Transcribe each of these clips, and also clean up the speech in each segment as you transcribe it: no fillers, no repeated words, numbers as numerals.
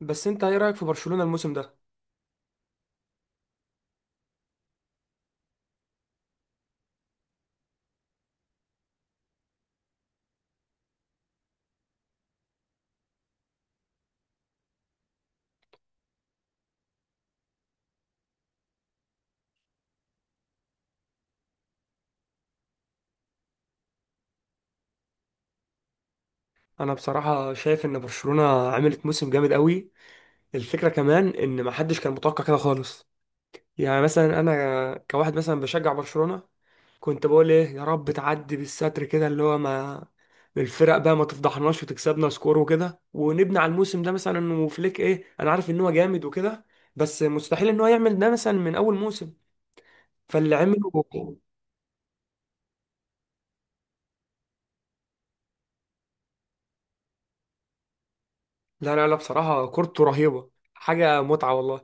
بس انت ايه رأيك في برشلونة الموسم ده؟ انا بصراحة شايف ان برشلونة عملت موسم جامد قوي. الفكرة كمان ان ما حدش كان متوقع كده خالص. يعني مثلا انا كواحد مثلا بشجع برشلونة، كنت بقول ايه يا رب تعدي بالستر كده اللي هو ما... الفرق بقى ما تفضحناش وتكسبنا سكور وكده ونبني على الموسم ده، مثلا انه فليك، ايه انا عارف ان هو جامد وكده، بس مستحيل ان هو يعمل ده مثلا من اول موسم. فاللي عمله... لا لا لا بصراحة كورته رهيبة، حاجة متعة والله.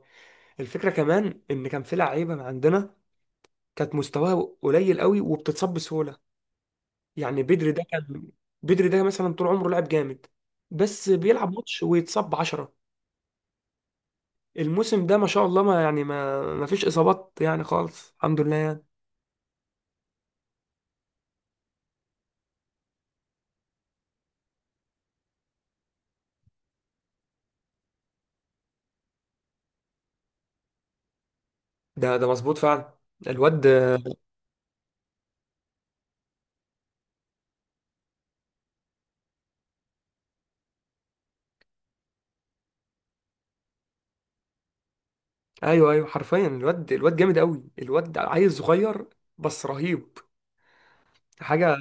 الفكرة كمان إن كان في لعيبة عندنا كانت مستواها قليل قوي وبتتصاب بسهولة. يعني بدري ده كان، بدري ده مثلا طول عمره لاعب جامد، بس بيلعب ماتش ويتصاب بعشرة. الموسم ده ما شاء الله، ما يعني ما فيش إصابات يعني خالص، الحمد لله يعني. ده مظبوط فعلا. الواد... أيوه أيوه حرفيا الواد جامد قوي، الواد عيل صغير بس رهيب، حاجة،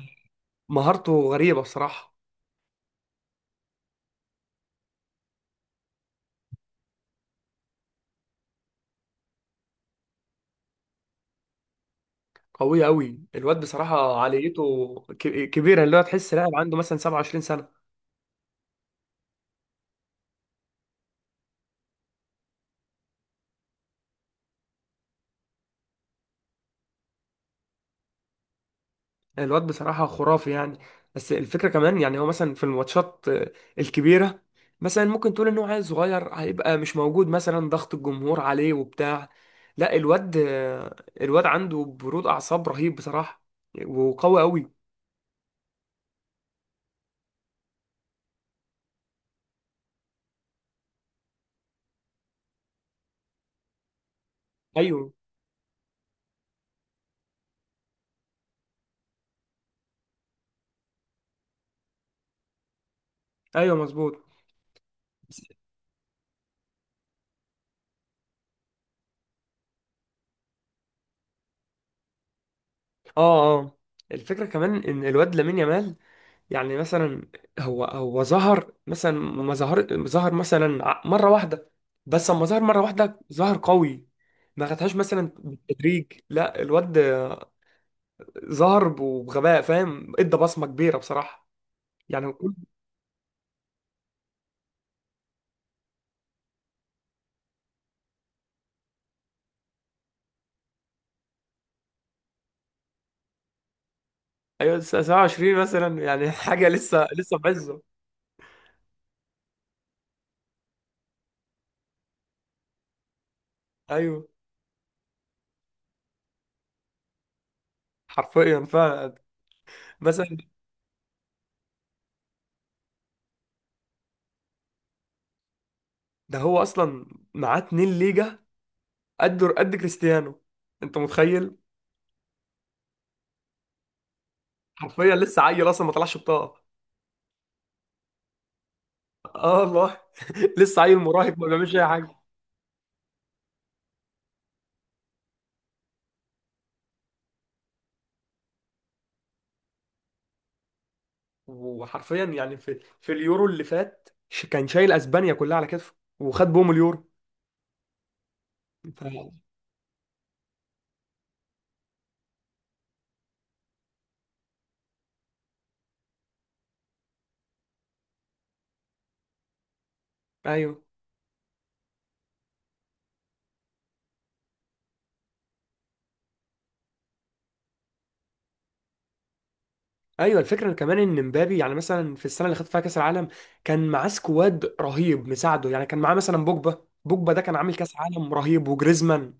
مهارته غريبة بصراحة. قوية قوي الواد بصراحة، عاليته كبيرة، اللي هو تحس لاعب عنده مثلا 27 سنة. الواد بصراحة خرافي يعني. بس الفكرة كمان يعني هو مثلا في الماتشات الكبيرة، مثلا ممكن تقول ان هو عيل صغير هيبقى مش موجود مثلا، ضغط الجمهور عليه وبتاع. لا الواد الواد عنده برود أعصاب رهيب بصراحة، وقوي قوي. ايوه ايوه مظبوط. اه اه. الفكرة كمان ان الواد لامين يامال، يعني مثلا هو ظهر مثلا، ما ظهر مثلا مره واحده، بس اما ظهر مره واحده ظهر قوي، ما خدهاش مثلا بالتدريج، لا الواد ظهر بغباء فاهم، ادى بصمه كبيره بصراحه. يعني كل... ايوه 27 مثلا يعني حاجه لسه لسه بعزه. ايوه حرفيا فعلا. مثلا ده هو اصلا معاه 2 ليجا قد كريستيانو. انت متخيل. حرفيا لسه عيل اصلا ما طلعش بطاقه. اه والله لسه عيل مراهق ما بيعملش اي حاجه. وحرفيا يعني في اليورو اللي فات كان شايل اسبانيا كلها على كتفه وخد بهم اليورو. ف... ايوه ايوه الفكره كمان ان مبابي يعني مثلا في السنه اللي خد فيها كاس العالم، كان معاه سكواد رهيب مساعده يعني، كان معاه مثلا بوجبا، بوجبا ده كان عامل كاس عالم رهيب، وجريزمان،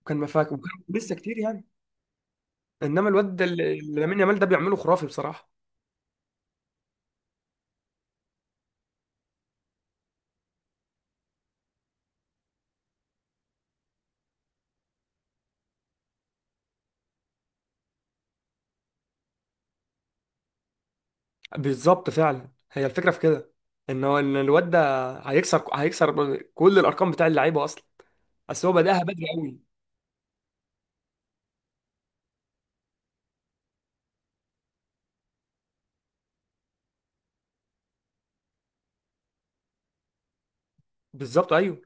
وكان مفاك، وكان لسه كتير يعني. انما الواد ده اللي لامين يامال ده بيعمله خرافي بصراحه. بالظبط فعلا هي الفكره في كده، ان هو ان الواد ده هيكسر كل الارقام بتاع اللعيبه اصلا، بس هو بداها بدري قوي. بالظبط ايوه.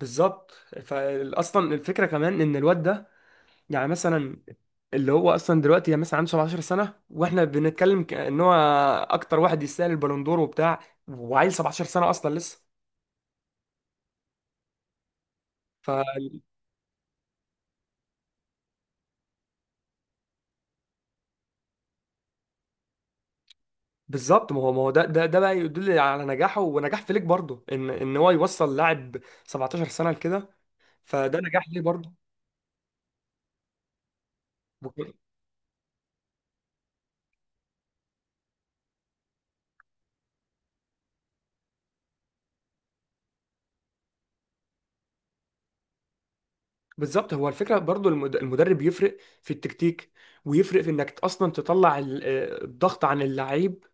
بالظبط. فاصلا الفكره كمان ان الواد ده، يعني مثلا اللي هو اصلا دلوقتي يعني مثلا عنده 17 سنه، واحنا بنتكلم ك- ان هو اكتر واحد يستاهل البالوندور وبتاع، وعيل 17 سنه اصلا لسه. فبالظبط ما هو ده بقى يدل على نجاحه ونجاح فليك برضه، ان هو يوصل لاعب 17 سنه لكده، فده نجاح ليه برضه. بك- بالظبط. هو الفكره برضو المدرب يفرق في التكتيك، ويفرق في انك اصلا تطلع الضغط عن اللعيب.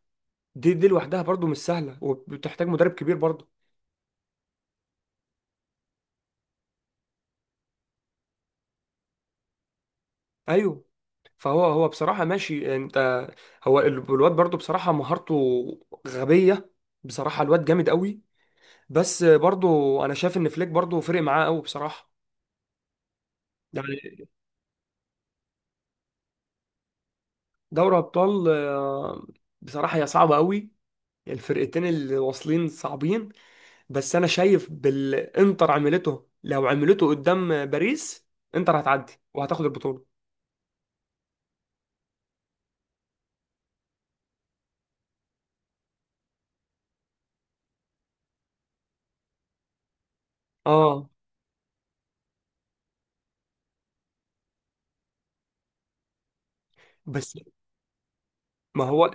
دي لوحدها برضو مش سهله وبتحتاج مدرب كبير برضو. ايوه. فهو هو بصراحه ماشي انت، هو ال- الواد برضو بصراحه مهارته غبيه بصراحه، الواد جامد قوي، بس برضو انا شايف ان فليك برضو فرق معاه قوي بصراحه. يعني دوري ابطال بصراحه هي صعبه قوي، الفرقتين اللي واصلين صعبين، بس انا شايف بالانتر عملته، لو عملته قدام باريس انتر هتعدي وهتاخد البطوله. اه بس ما هو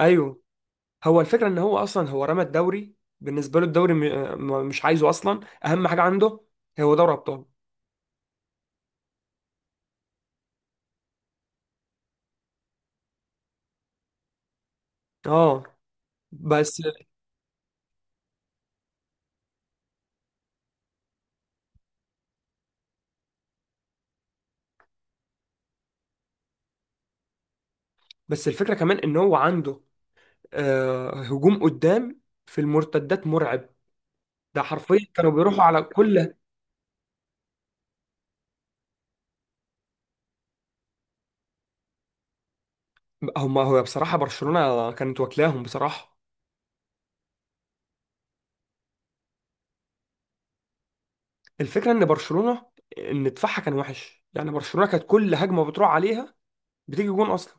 ايوه. هو الفكره ان هو اصلا هو رمى الدوري، بالنسبه له الدوري مش عايزه اصلا، اهم حاجه عنده هو دوري ابطال. اه بس. بس الفكره كمان ان هو عنده آه هجوم قدام في المرتدات مرعب، ده حرفيا كانوا بيروحوا على كل... هم. هو بصراحه برشلونه كانت واكلاهم بصراحه. الفكره ان برشلونه ان دفاعها كان وحش يعني، برشلونه كانت كل هجمه بتروح عليها بتيجي جون اصلا.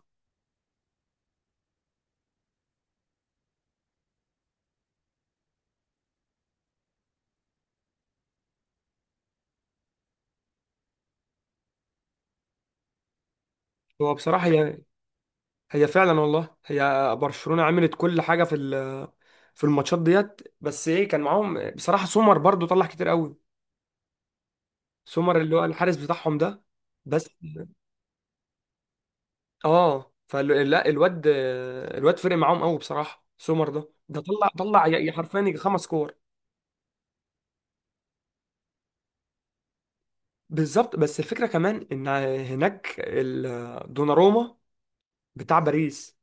هو بصراحه هي فعلا والله، هي برشلونه عملت كل حاجه في في الماتشات ديت، بس ايه كان معاهم بصراحه سومر برضو طلع كتير قوي، سومر اللي هو الحارس بتاعهم ده. بس. اه فلا الواد فرق معاهم قوي بصراحه، سومر ده ده طلع حرفيا يجي خمس كور. بالظبط بس الفكره كمان ان هناك دوناروما بتاع باريس،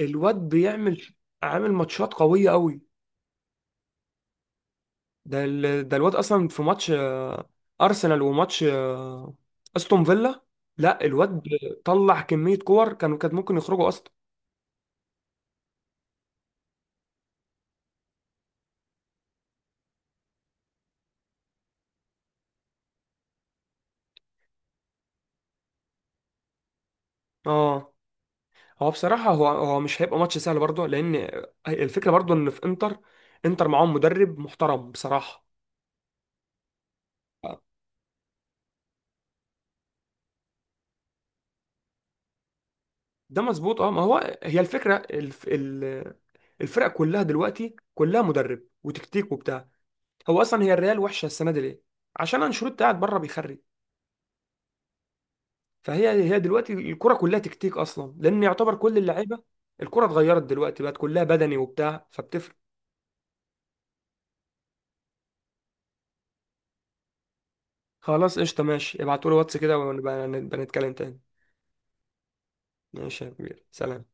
الواد بيعمل، عامل ماتشات قوية قوي. ده الواد اصلا في ماتش ارسنال وماتش استون فيلا، لا الواد طلع كمية كور كانوا كانت ممكن يخرجوا اصلا. اه هو بصراحة هو مش هيبقى ماتش سهل برضه، لان الفكرة برضه ان في انتر، انتر معاهم مدرب محترم بصراحة. ده مظبوط. اه ما هو هي الفكرة الفرق كلها دلوقتي كلها مدرب وتكتيك وبتاع. هو اصلا هي الريال وحشه السنه دي ليه؟ عشان انشيلوتي قاعد بره بيخرب. فهي هي دلوقتي الكره كلها تكتيك اصلا، لان يعتبر كل اللعيبه، الكره اتغيرت دلوقتي بقت كلها بدني وبتاع فبتفرق. خلاص قشطه ماشي، ابعتوا لي واتس كده ونبقى نبقى نتكلم تاني. ماشي يا كبير سلام.